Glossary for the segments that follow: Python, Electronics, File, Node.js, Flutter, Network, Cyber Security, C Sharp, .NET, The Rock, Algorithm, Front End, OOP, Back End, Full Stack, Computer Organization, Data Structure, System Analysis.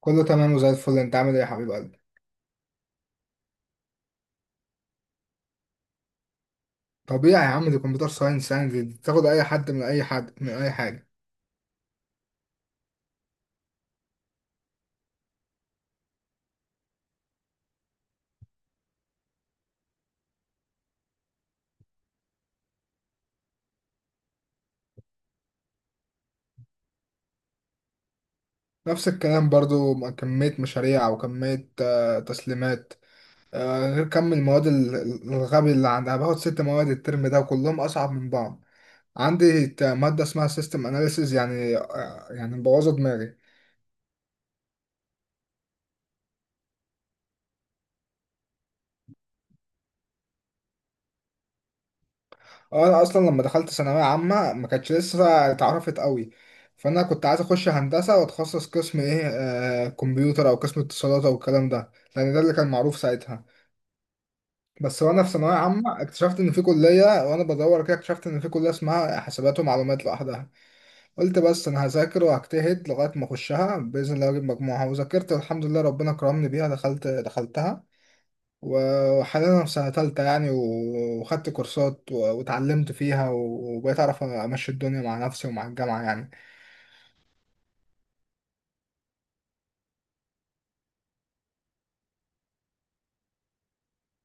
كله تمام وزي الفل، انت عامل ايه يا حبيب قلبي؟ طبيعي يا عم، دي كمبيوتر ساينس، يعني دي تاخد اي حد، من اي حد، من اي حاجه. نفس الكلام برضو، مع كميه مشاريع وكميه تسليمات. غير كم المواد الغبي اللي عندها. باخد 6 مواد الترم ده، وكلهم اصعب من بعض. عندي ماده اسمها سيستم اناليسيز، يعني يعني مبوظه دماغي. اه انا اصلا لما دخلت ثانويه عامه ما كانتش لسه اتعرفت قوي، فانا كنت عايز اخش هندسه واتخصص قسم ايه، آه كمبيوتر او قسم اتصالات او الكلام ده، لان ده اللي كان معروف ساعتها. بس وانا في ثانويه عامه اكتشفت ان في كليه، وانا بدور كده اكتشفت ان في كليه اسمها حسابات ومعلومات لوحدها. قلت بس انا هذاكر وهجتهد لغايه ما اخشها باذن الله اجيب مجموعها، وذاكرت والحمد لله ربنا كرمني بيها، دخلتها. وحاليا أنا في سنة تالتة يعني، وخدت كورسات واتعلمت فيها وبقيت أعرف أمشي الدنيا مع نفسي ومع الجامعة يعني.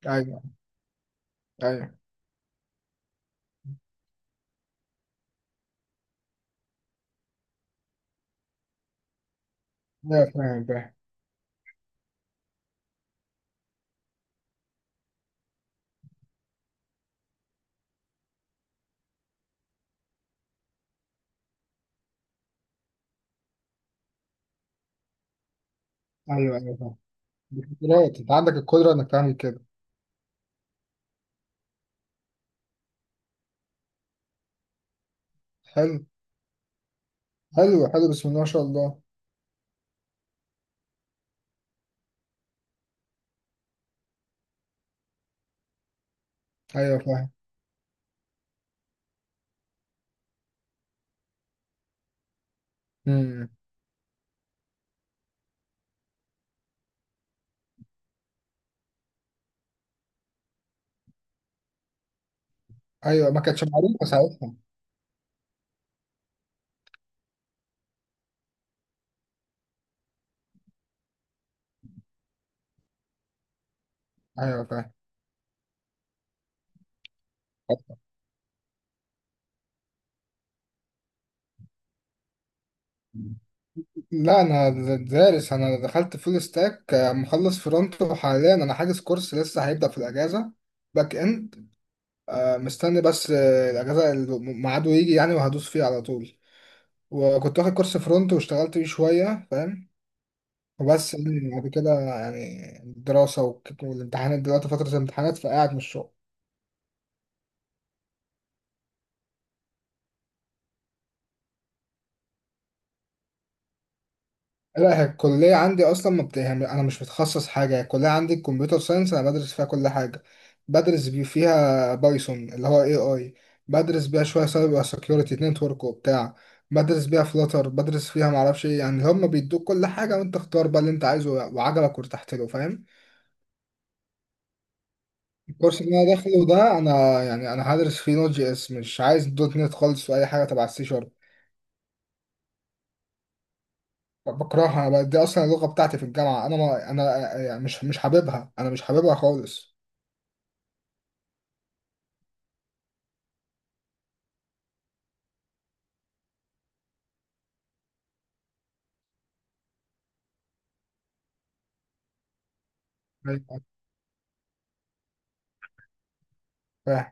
أيوه، أيوه، أيوه، فاهم فاهم. أيوه، أيوه، فاهم. دي قدرات، أنت عندك القدرة إنك تعمل كده. حلو، حلو، حلو، بسم الله ما شاء الله. أيوه فاهم. أمم. أيوه، ما كانتش معروفة ساعتها. أيوه فاهم. لا انا دارس. انا دخلت فول ستاك، مخلص فرونت، وحاليا انا حاجز كورس لسه هيبدأ في الاجازه. باك اند. مستني بس الأجازة اللي ميعاده يجي يعني، وهدوس فيه على طول. وكنت واخد كورس فرونت واشتغلت بيه شوية، فاهم. وبس يعني بعد كده يعني الدراسة والامتحانات، دلوقتي فترة الامتحانات فقاعد من الشغل. لا هي الكلية عندي أصلا ما بت... يعني أنا مش متخصص حاجة. هي الكلية عندي الكمبيوتر ساينس، أنا بدرس فيها كل حاجة. بدرس فيها بايثون اللي هو اي اي، بدرس بيها شوية سايبر سكيورتي نتورك وبتاع، بدرس بيها فلاتر، بدرس فيها معرفش ايه، يعني هما بيدوك كل حاجة وانت اختار بقى اللي انت عايزه وعجبك وارتحت له، فاهم. الكورس اللي انا داخله ده انا يعني انا هدرس فيه نوت جي اس، مش عايز دوت نت خالص واي حاجة تبع السي شارب. دي اصلا اللغة بتاعتي في الجامعة، انا ما انا يعني مش حاببها، انا مش حاببها خالص. أيوة، فاهم.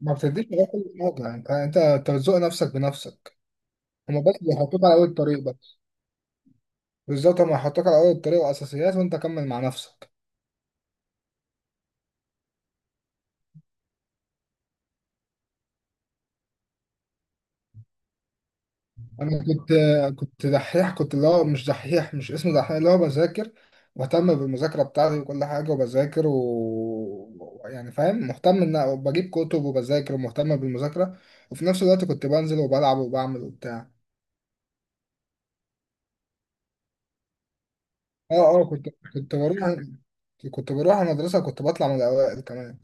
ما بتديش مجال كل حاجة يعني، انت أنت بتزوق نفسك بنفسك. هما بس بيحطوك على اول الطريق بس. بالظبط، هما يحطوك على اول الطريق والاساسيات وانت كمل مع نفسك. انا كنت كنت دحيح، كنت اللي هو مش دحيح، مش اسمه دحيح، اللي هو بذاكر، مهتم بالمذاكرة بتاعتي وكل حاجة وبذاكر و يعني فاهم، مهتم ان بجيب كتب وبذاكر ومهتم بالمذاكرة، وفي نفس الوقت كنت بنزل وبلعب وبعمل وبتاع. اه اه كنت كنت بروح المدرسة، كنت بطلع من الأوائل كمان.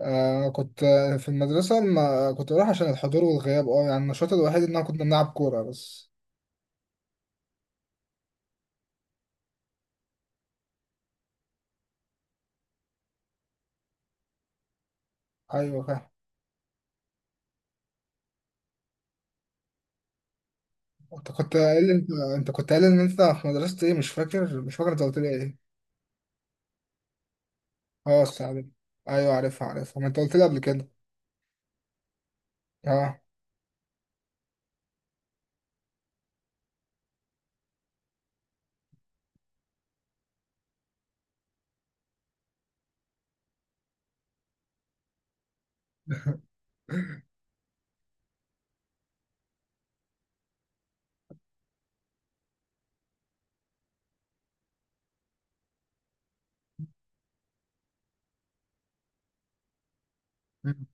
آه كنت في المدرسة، ما كنت بروح عشان الحضور والغياب، اه يعني النشاط الوحيد إن أنا كنا بنلعب كورة بس. أيوة فاهم. أنت كنت قايل أنت أنت كنت قايل إن أنت في مدرسة إيه، مش فاكر، مش فاكر أنت قلت لي إيه. اه السعادة، أيوة عارفها عارفها، ما أنت قلت لي قبل كده. اه مم.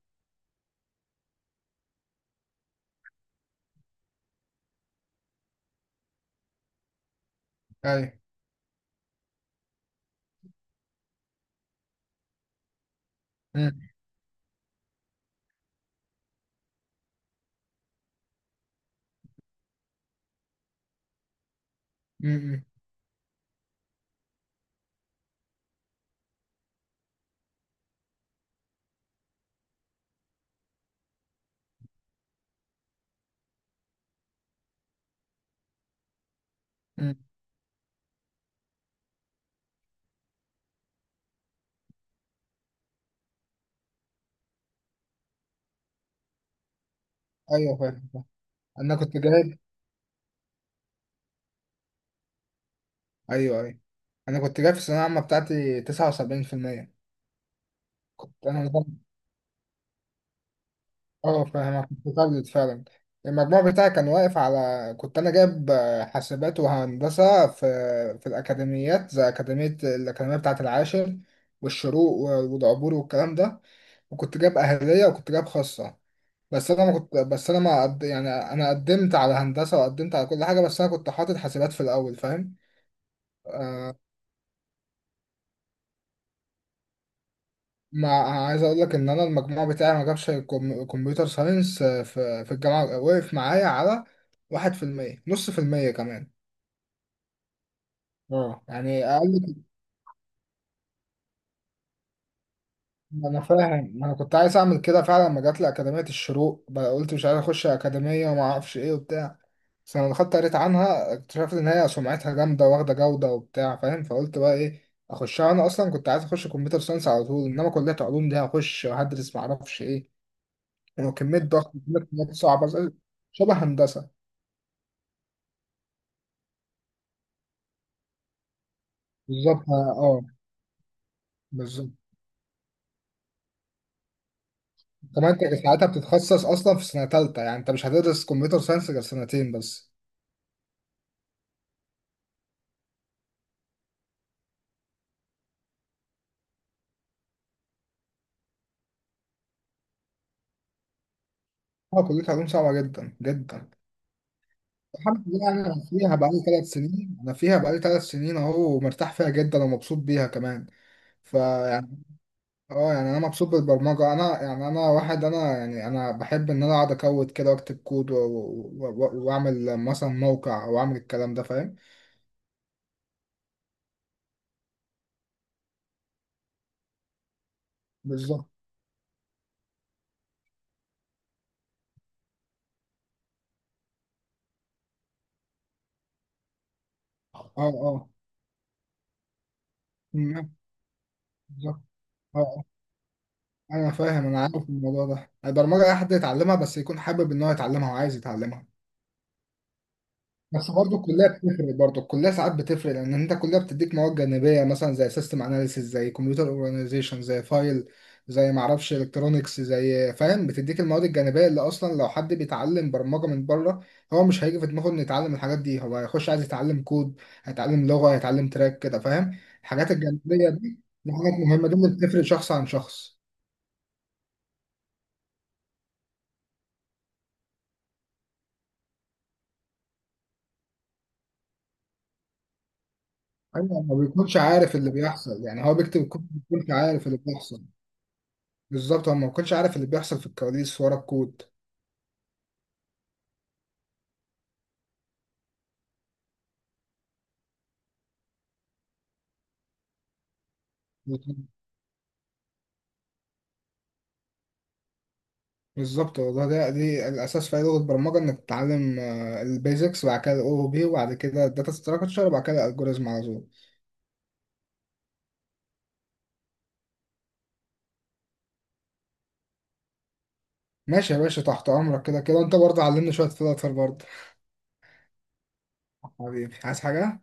أيوة. مم. مم. مم. أيوة فاهم فاهم. أنا كنت جايب أيوة أيوة. أنا كنت جايب في الثانوية العامة بتاعتي 79%. كنت أنا اه فاهمك، متردد فعلا. المجموع بتاعي كان واقف على، كنت انا جايب حاسبات وهندسه في الاكاديميات، زي اكاديميه، الاكاديميه بتاعه العاشر والشروق ودعبور والكلام ده، وكنت جايب اهليه وكنت جايب خاصه. بس انا ما قد... يعني انا قدمت على هندسه وقدمت على كل حاجه، بس انا كنت حاطط حاسبات في الاول، فاهم. ما عايز اقول لك ان انا المجموع بتاعي ما جابش كمبيوتر ساينس، في الجامعه، وقف معايا على 1%، نص في المية كمان. اه يعني اقل. ما انا فاهم، ما انا كنت عايز اعمل كده فعلا. لما جات لي اكاديميه الشروق بقى قلت مش عايز اخش اكاديميه وما اعرفش ايه وبتاع، بس لما دخلت قريت عنها اكتشفت ان هي سمعتها جامده واخده جوده وبتاع، فاهم. فقلت بقى ايه، اخشها. انا اصلا كنت عايز اخش كمبيوتر ساينس على طول، انما كليه علوم دي هخش وهدرس ما اعرفش ايه، وكميه ضغط وكميه مواد صعبه شبه هندسه. بالظبط اه. آه، بالظبط، كمان انت ساعتها بتتخصص اصلا في سنه ثالثه، يعني انت مش هتدرس كمبيوتر ساينس غير سنتين بس. اه كلية علوم صعبة جدا جدا. الحمد لله يعني، انا فيها بقالي ثلاث سنين اهو، ومرتاح فيها جدا ومبسوط بيها كمان. فيعني اه يعني انا مبسوط بالبرمجة، انا يعني انا واحد، انا يعني انا بحب ان انا اقعد اكود كده واكتب كود واعمل مثلا موقع او اعمل الكلام ده، فاهم. بالظبط اه اه. مم، بالظبط اه آه. انا فاهم انا عارف الموضوع ده، البرمجة اي حد يتعلمها بس يكون حابب ان هو يتعلمها وعايز يتعلمها. بس برضه الكليه بتفرق، برضه الكليه ساعات بتفرق، لان انت الكليه بتديك مواد جانبيه مثلا زي سيستم اناليسيس، زي كمبيوتر اورجانيزيشن، زي فايل، زي معرفش الكترونكس، زي فاهم، بتديك المواد الجانبيه اللي اصلا لو حد بيتعلم برمجه من بره هو مش هيجي في دماغه انه يتعلم الحاجات دي، هو هيخش عايز يتعلم كود، هيتعلم لغه، هيتعلم تراك كده، فاهم، الحاجات الجانبيه دي دي حاجات مهمه، دي اللي بتفرق شخص عن شخص. ايوه، ما بيكونش عارف اللي بيحصل، يعني هو بيكتب الكود ما بيكونش عارف اللي بيحصل. بالظبط، هو ما كنتش عارف اللي بيحصل في الكواليس ورا الكود. بالظبط والله، ده دي الاساس في اي لغه برمجه، انك تتعلم البيزكس وبعد كده الاو بي وبعد كده الداتا ستراكشر وبعد كده الالجوريزم على طول. ماشي يا باشا، تحت امرك، كده كده انت برضه علمني شويه فلاتر برضه. حبيبي، عايز حاجه؟